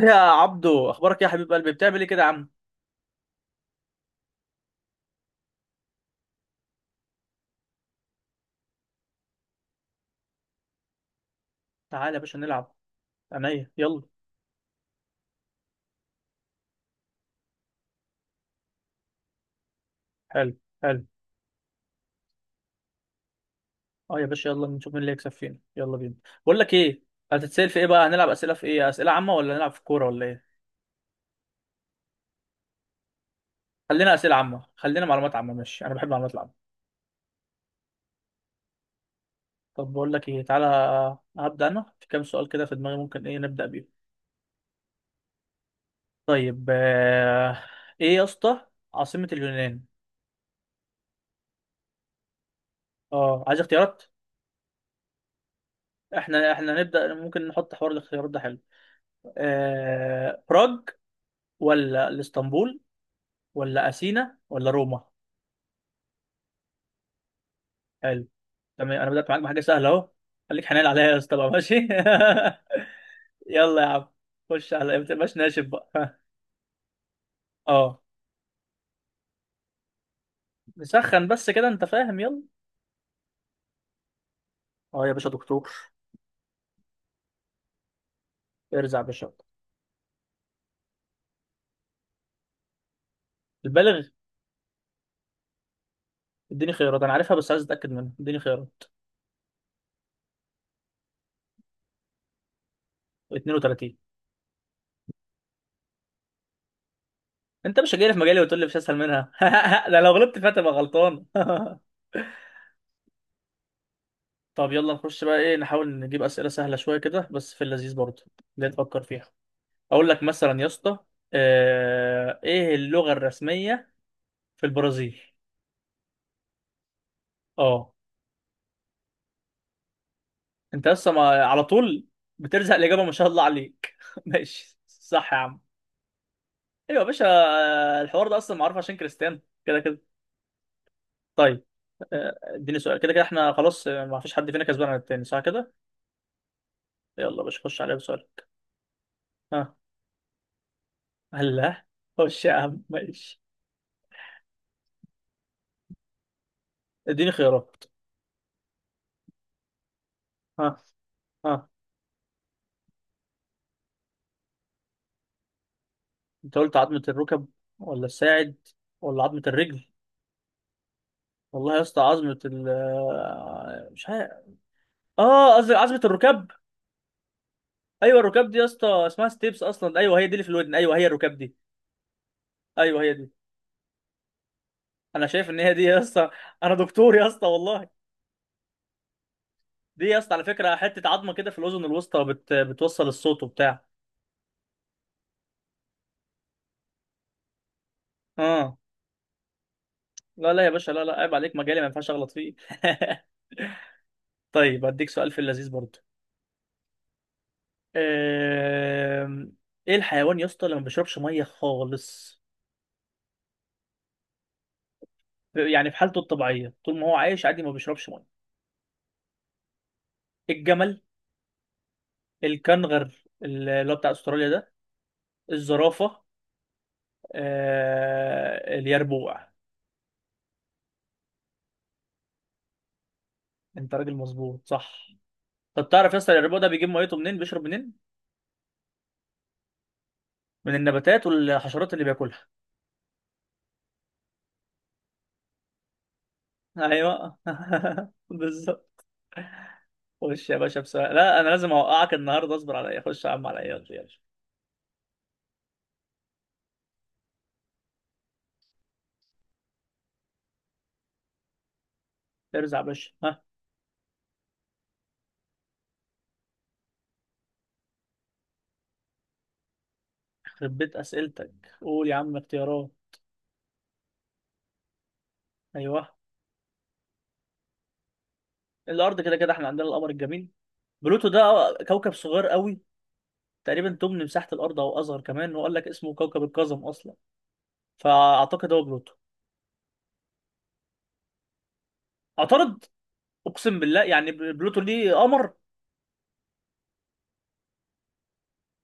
يا عبدو، اخبارك إيه يا حبيب قلبي؟ بتعمل ايه كده يا عم؟ تعالى يا باشا نلعب. عينيا، يلا. حلو حلو. اه يا باشا، يلا نشوف مين اللي هيكسب فينا، يلا بينا. بقول لك ايه، هتتسال في ايه بقى؟ هنلعب اسئله في ايه؟ اسئله عامه ولا نلعب في كوره ولا ايه؟ خلينا اسئله عامه، خلينا معلومات عامه. ماشي، انا بحب المعلومات العامه. طب بقول لك ايه، تعالى. هبدا انا في كام سؤال كده في دماغي، ممكن ايه نبدا بيه؟ طيب ايه يا اسطى عاصمه اليونان؟ اه، عايز اختيارات. احنا نبدا، ممكن نحط حوار الاختيارات ده، حلو. براغ ولا الاسطنبول ولا اثينا ولا روما؟ حلو، تمام. انا بدات معاك بحاجه سهله اهو، خليك حنين عليا يا اسطى بقى، ماشي. يلا يا عم، خش على ما تبقاش ناشف بقى. ها. اه، نسخن بس كده، انت فاهم، يلا. اه يا باشا، دكتور. ارزع يا باشا. البالغ. اديني خيارات، انا عارفها بس عايز اتاكد منها، اديني خيارات. 32. انت مش جاي في مجالي وتقول لي مش اسهل منها؟ ده لو غلبت فيها تبقى غلطان. طب يلا نخش بقى، ايه، نحاول نجيب اسئله سهله شويه كده بس في اللذيذ برضه، اللي تفكر فيها. اقول لك مثلا يا اسطى، ايه اللغه الرسميه في البرازيل؟ اه. انت لسه ما على طول بترزق الاجابه، ما شاء الله عليك. ماشي، صح يا عم. ايوه يا باشا، الحوار ده اصلا معروف عشان كريستيانو، كده كده. طيب، اديني سؤال. كده كده احنا خلاص، ما فيش حد فينا كسبان عن التاني، صح كده. يلا يا باشا، خش عليا بسؤالك. ها، هلا، خش يا عم، ماشي. اديني خيارات. ها، ها. انت قلت عظمه الركب ولا الساعد ولا عظمه الرجل؟ والله يا اسطى، عظمة ال مش عارف. اه، قصدي عظمة الركاب. ايوه، الركاب دي يا اسطى اسمها ستيبس اصلا، ايوه هي دي اللي في الودن، ايوه هي الركاب دي. ايوه هي دي. انا شايف ان هي دي يا اسطى. انا دكتور يا اسطى والله. دي يا اسطى على فكرة حتة عظمة كده في الاذن الوسطى، بتوصل الصوت وبتاع. اه. لا لا يا باشا، لا لا، عيب عليك، مجالي ما ينفعش اغلط فيه. طيب، هديك سؤال في اللذيذ برضه. آم، ايه الحيوان يا اسطى اللي ما بيشربش ميه خالص؟ يعني في حالته الطبيعية طول ما هو عايش عادي ما بيشربش ميه. الجمل، الكنغر اللي هو بتاع استراليا ده، الزرافه، اليربوع. انت راجل مظبوط، صح. طب تعرف يا اسطى اليربوع ده بيجيب ميته منين، بيشرب منين؟ من النباتات والحشرات اللي بياكلها. ايوه بالظبط. خش يا باشا بسؤال، لا انا لازم اوقعك النهارده، اصبر عليا، خش يا عم عليا، يلا يلا. ارزع يا باشا، ها. يخرب بيت اسئلتك. قول يا عم اختيارات. ايوه. الارض كده كده احنا عندنا القمر الجميل. بلوتو ده كوكب صغير قوي، تقريبا تمن مساحة الأرض أو أصغر كمان، وقال لك اسمه كوكب القزم أصلا، فأعتقد هو بلوتو. اعترض، أقسم بالله يعني، بلوتو ليه قمر؟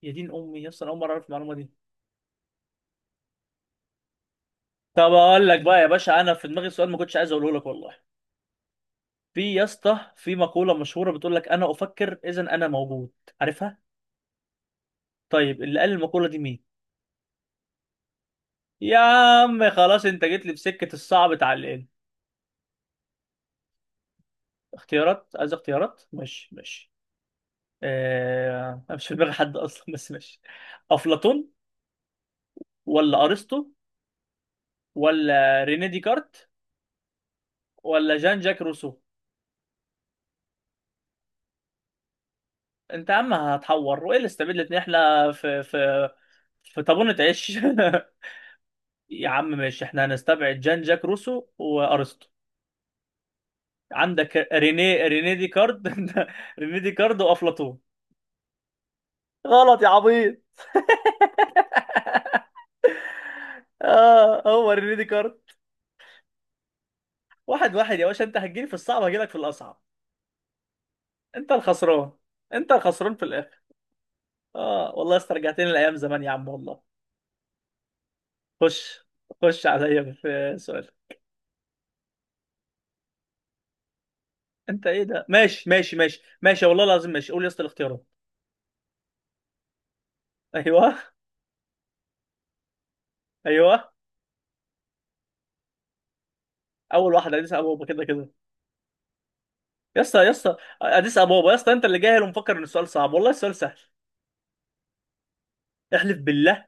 يا دين أمي يا اسطى، أنا أول مرة أعرف المعلومة دي. طب أقول لك بقى يا باشا، أنا في دماغي سؤال ما كنتش عايز أقوله لك والله. في يا اسطى، في مقولة مشهورة بتقول لك أنا أفكر إذا أنا موجود، عارفها؟ طيب، اللي قال المقولة دي مين؟ يا عم خلاص، أنت جيت لي في سكة الصعب، اتعلقنا. اختيارات؟ عايز اختيارات؟ ماشي، ماشي. أنا مش في دماغي حد أصلا، بس ماشي. أفلاطون ولا ارسطو ولا ريني ديكارت ولا جان جاك روسو؟ انت يا عم هتحور، وايه اللي استبدلت ان احنا في في طابونة عيش؟ يا عم ماشي، احنا هنستبعد جان جاك روسو وارسطو، عندك ريني ديكارت. ريني ديكارت وافلاطون. غلط يا عبيط. اه، هو ريني ديكارت. واحد واحد يا باشا، انت هتجيلي في الصعب، هجيلك في الاصعب. انت الخسران، انت الخسران في الاخر. اه والله استرجعتني لايام زمان يا عم والله. خش، خش عليا في سؤال. انت ايه ده؟ ماشي ماشي ماشي ماشي، والله العظيم ماشي. قول يا اسطى الاختيارات. ايوه. ايوه، اول واحده اديس ابابا كده كده. يا اسطى، يا اسطى، اديس ابابا يا اسطى، انت اللي جاهل ومفكر ان السؤال صعب، والله السؤال سهل. احلف بالله.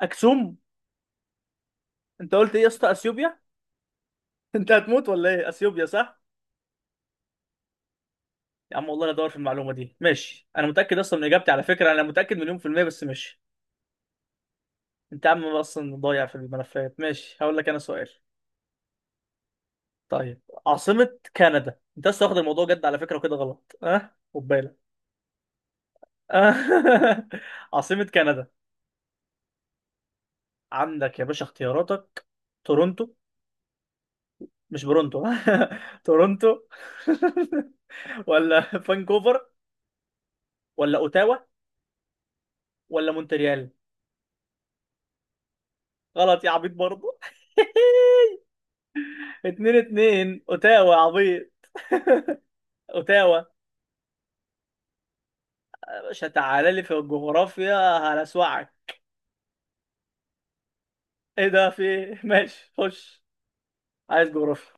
اكسوم؟ انت قلت ايه يا اسطى؟ اثيوبيا. انت هتموت ولا ايه؟ اثيوبيا، صح. يا عم والله انا ادور في المعلومه دي، ماشي، انا متاكد اصلا من اجابتي على فكره، انا متاكد مليون في الميه، بس ماشي. انت يا عم اصلا ضايع في الملفات، ماشي، هقول لك انا سؤال. طيب، عاصمة كندا. انت لسه واخد الموضوع جد على فكرة، وكده غلط اه، خد بالك. آه. عاصمة كندا. عندك يا باشا اختياراتك. تورونتو، مش برونتو، تورونتو، ولا فانكوفر ولا اوتاوا ولا مونتريال؟ غلط يا عبيط برضه. اتنين اتنين، اوتاوا يا عبيط. اوتاوا. يا باشا تعالى لي في الجغرافيا هلسوعك. ايه ده في إيه؟ ماشي، خش. عايز جغرافيا.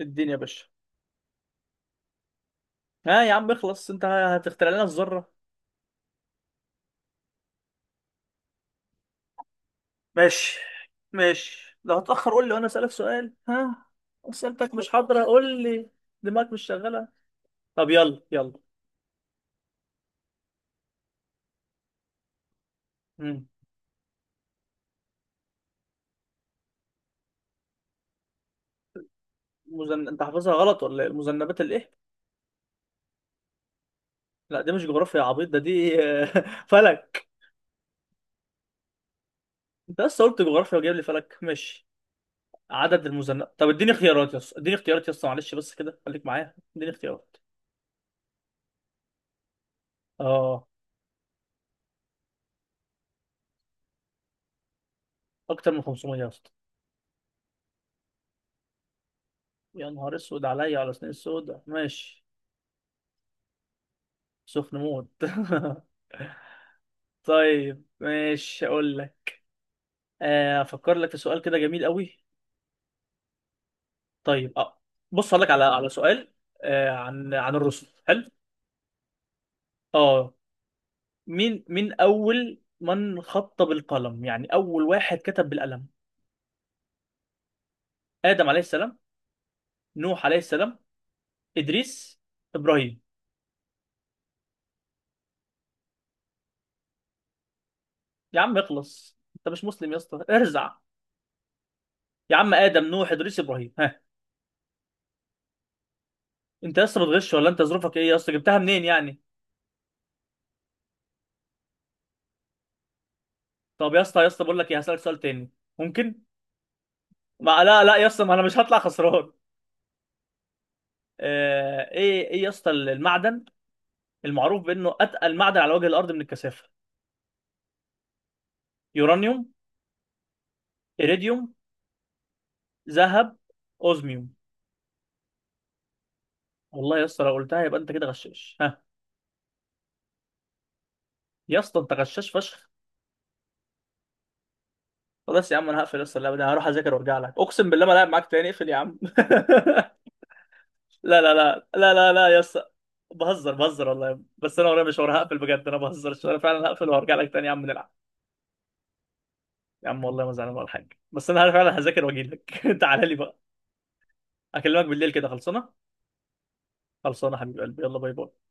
اديني يا باشا. ها يا عم اخلص، انت هتخترع لنا الذرة؟ ماشي، ماشي. لو هتأخر قول لي وانا اسألك سؤال، ها. اسئلتك مش حاضرة، قول لي، دماغك مش شغالة. طب يلا، يلا. مم. انت حافظها غلط ولا ايه؟ المذنبات الايه؟ لا دي مش جغرافيا يا عبيط، ده دي فلك. انت لسه قلت جغرافيا وجايب لي فلك، ماشي. عدد المذنبات، طب اديني اختيارات يا اسطى، اديني اختيارات يا اسطى، معلش بس كده خليك معايا، اديني اختيارات. اه. اكتر من 500 يا اسطى. يا نهار اسود عليا، على سنين السوداء، ماشي. سخن موت. طيب ماشي، اقول لك. افكر لك في سؤال كده جميل قوي. طيب اه، بص هقول لك على سؤال، عن الرسل، حلو. اه. مين اول من خط بالقلم؟ يعني اول واحد كتب بالقلم. ادم عليه السلام، نوح عليه السلام، ادريس، ابراهيم. يا عم اخلص، انت مش مسلم يا اسطى؟ ارزع. يا عم، ادم، نوح، ادريس، ابراهيم، ها. انت يا اسطى بتغش ولا انت ظروفك ايه يا اسطى؟ جبتها منين يعني؟ طب يا اسطى، يا اسطى بقول لك ايه، هسألك سؤال تاني، ممكن. ما لا لا يا اسطى، ما انا مش هطلع خسران. ايه يا اسطى المعدن المعروف بانه اتقل معدن على وجه الارض من الكثافه؟ يورانيوم، ايريديوم، ذهب، اوزميوم. والله يا اسطى لو قلتها يبقى انت كده غشاش، ها. يا اسطى انت غشاش فشخ. خلاص يا عم، انا هقفل يا اسطى، اللعبه دي هروح اذاكر وارجع لك، اقسم بالله ما لعب معاك تاني، اقفل يا عم. لا لا لا لا لا لا يا اسطى، بهزر بهزر والله، بس انا ورايا مشوار، هقفل بجد، انا بهزر، انا فعلا هقفل وهرجع لك تاني يا عم نلعب. يا عم والله ما زعلان ولا حاجه، بس انا فعلا هذاكر واجي لك. تعالى لي بقى. اكلمك بالليل كده، خلصانه. خلصانه حبيب قلبي، يلا باي باي.